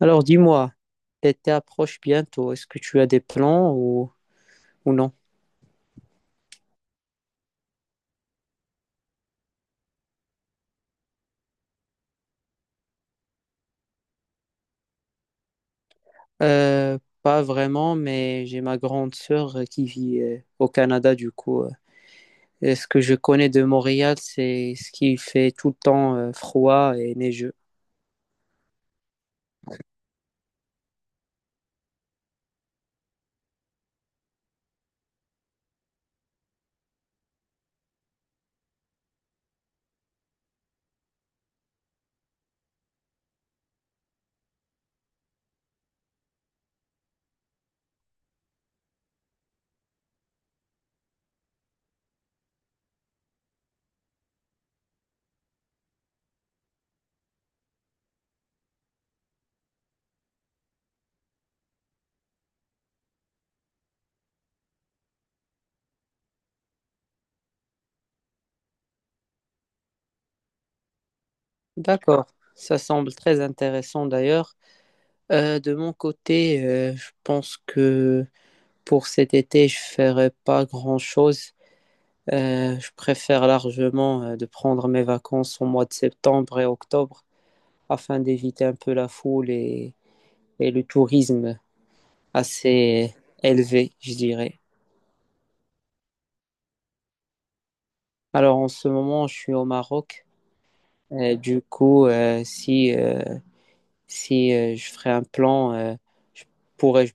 Alors dis-moi, l'été approche bientôt. Est-ce que tu as des plans ou non? Pas vraiment, mais j'ai ma grande sœur qui vit au Canada du coup. Et ce que je connais de Montréal, c'est ce qui fait tout le temps froid et neigeux. D'accord, ça semble très intéressant d'ailleurs. De mon côté, je pense que pour cet été, je ferai pas grand-chose. Je préfère largement de prendre mes vacances au mois de septembre et octobre, afin d'éviter un peu la foule et le tourisme assez élevé, je dirais. Alors en ce moment, je suis au Maroc. Et du coup, si, si je ferais un plan, je pourrais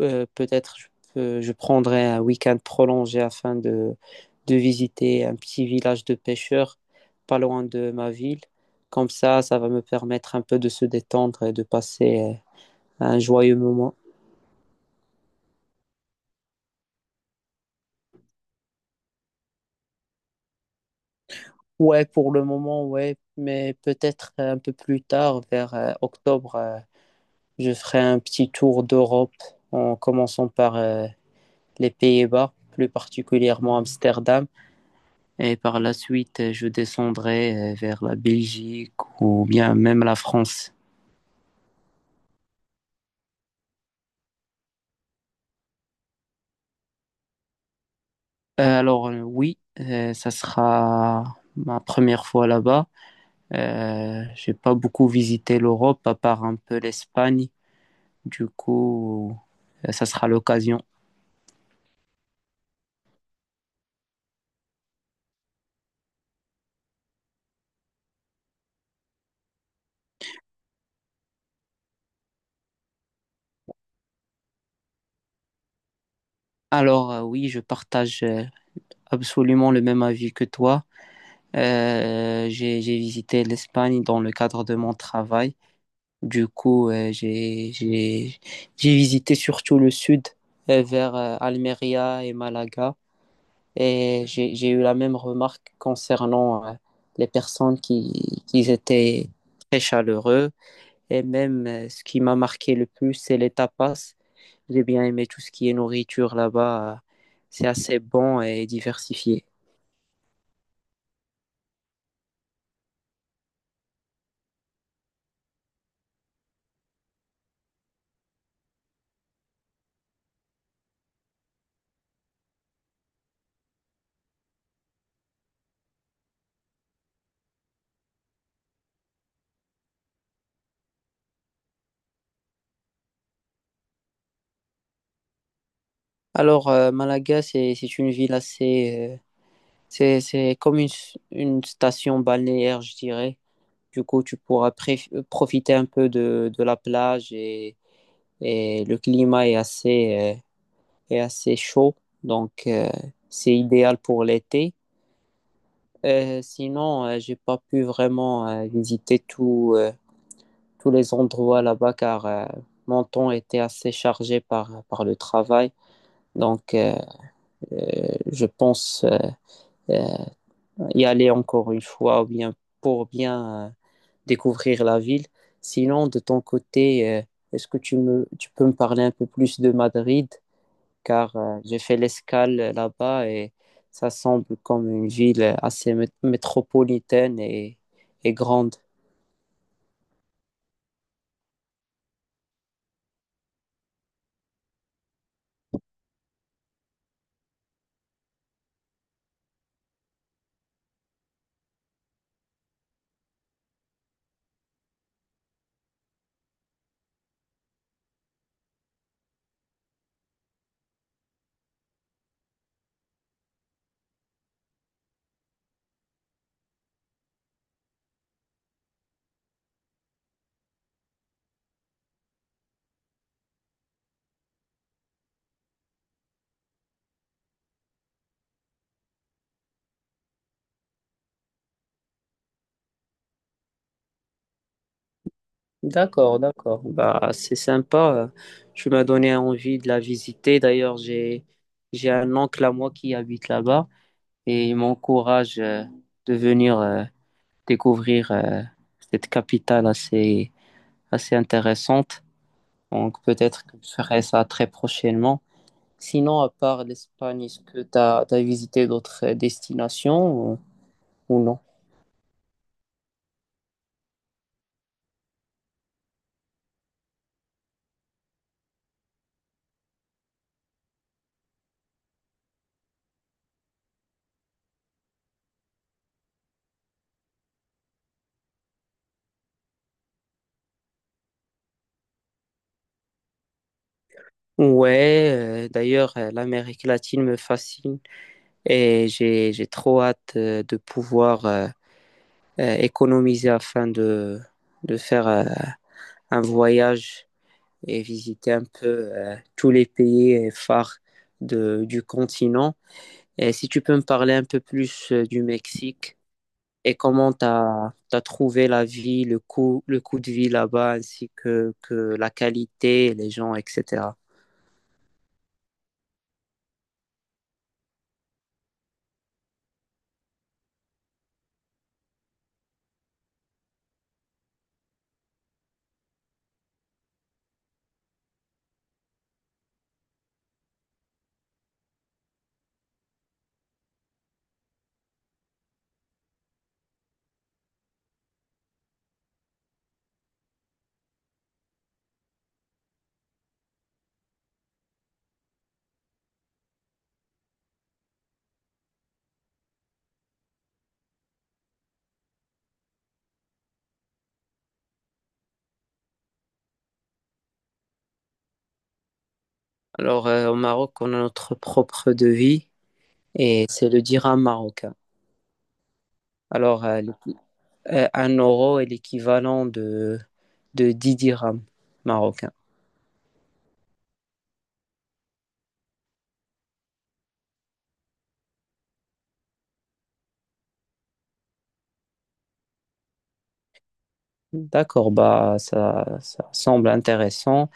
peut-être je prendrais un week-end prolongé afin de visiter un petit village de pêcheurs pas loin de ma ville. Comme ça va me permettre un peu de se détendre et de passer un joyeux moment. Ouais, pour le moment, ouais, mais peut-être un peu plus tard, vers octobre, je ferai un petit tour d'Europe en commençant par les Pays-Bas, plus particulièrement Amsterdam, et par la suite, je descendrai vers la Belgique ou bien même la France. Oui, ça sera ma première fois là-bas. J'ai pas beaucoup visité l'Europe, à part un peu l'Espagne, du coup, ça sera l'occasion. Oui, je partage absolument le même avis que toi. J'ai visité l'Espagne dans le cadre de mon travail. Du coup, j'ai visité surtout le sud, vers Almeria et Malaga. Et j'ai eu la même remarque concernant les personnes qui étaient très chaleureux. Et même, ce qui m'a marqué le plus, c'est les tapas. J'ai bien aimé tout ce qui est nourriture là-bas. C'est assez bon et diversifié. Malaga, c'est une ville assez, c'est comme une station balnéaire, je dirais. Du coup, tu pourras profiter un peu de la plage et le climat est assez chaud. Donc, c'est idéal pour l'été. Sinon, j'ai pas pu vraiment visiter tous les endroits là-bas car mon temps était assez chargé par, par le travail. Donc, je pense euh, y aller encore une fois ou bien pour bien découvrir la ville. Sinon, de ton côté, est-ce que tu, me, tu peux me parler un peu plus de Madrid? Car j'ai fait l'escale là-bas et ça semble comme une ville assez métropolitaine et grande. D'accord, d'accord. Bah, c'est sympa. Tu m'as donné envie de la visiter. D'ailleurs, j'ai un oncle à moi qui habite là-bas et il m'encourage de venir découvrir cette capitale assez intéressante. Donc peut-être que je ferai ça très prochainement. Sinon, à part l'Espagne, est-ce que tu as visité d'autres destinations ou non? Ouais, d'ailleurs, l'Amérique latine me fascine, j'ai trop hâte de pouvoir économiser afin de faire un voyage et visiter un peu tous les pays phares de, du continent. Et si tu peux me parler un peu plus du Mexique et comment tu as trouvé la vie, le coût de vie là-bas, ainsi que la qualité, les gens, etc. Alors, au Maroc, on a notre propre devis, et c'est le dirham marocain. Alors, euh, un euro est l'équivalent de 10 dirhams marocains. D'accord, bah ça, ça semble intéressant.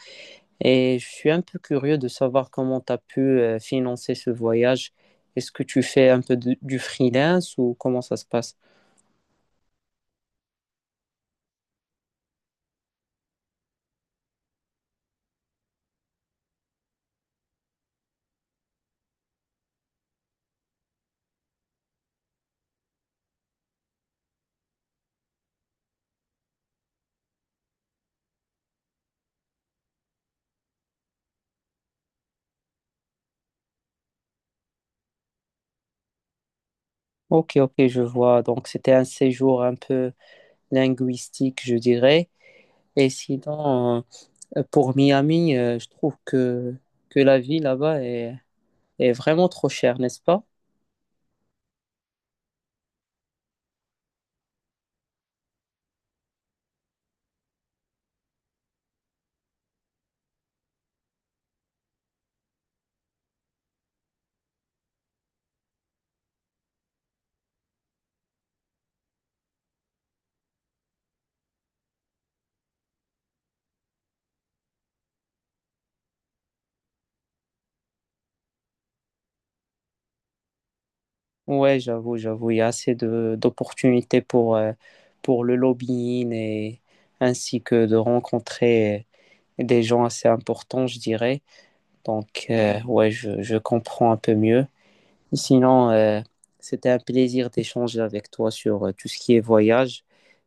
Et je suis un peu curieux de savoir comment tu as pu financer ce voyage. Est-ce que tu fais un peu du freelance ou comment ça se passe? Ok, ok, je vois. Donc c'était un séjour un peu linguistique, je dirais. Et sinon, pour Miami, je trouve que la vie là-bas est, est vraiment trop chère, n'est-ce pas? Ouais, j'avoue, j'avoue, il y a assez de d'opportunités pour le lobbying et ainsi que de rencontrer des gens assez importants, je dirais. Donc, ouais, je comprends un peu mieux. Sinon, c'était un plaisir d'échanger avec toi sur tout ce qui est voyage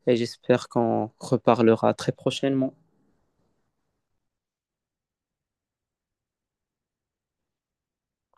et j'espère qu'on reparlera très prochainement.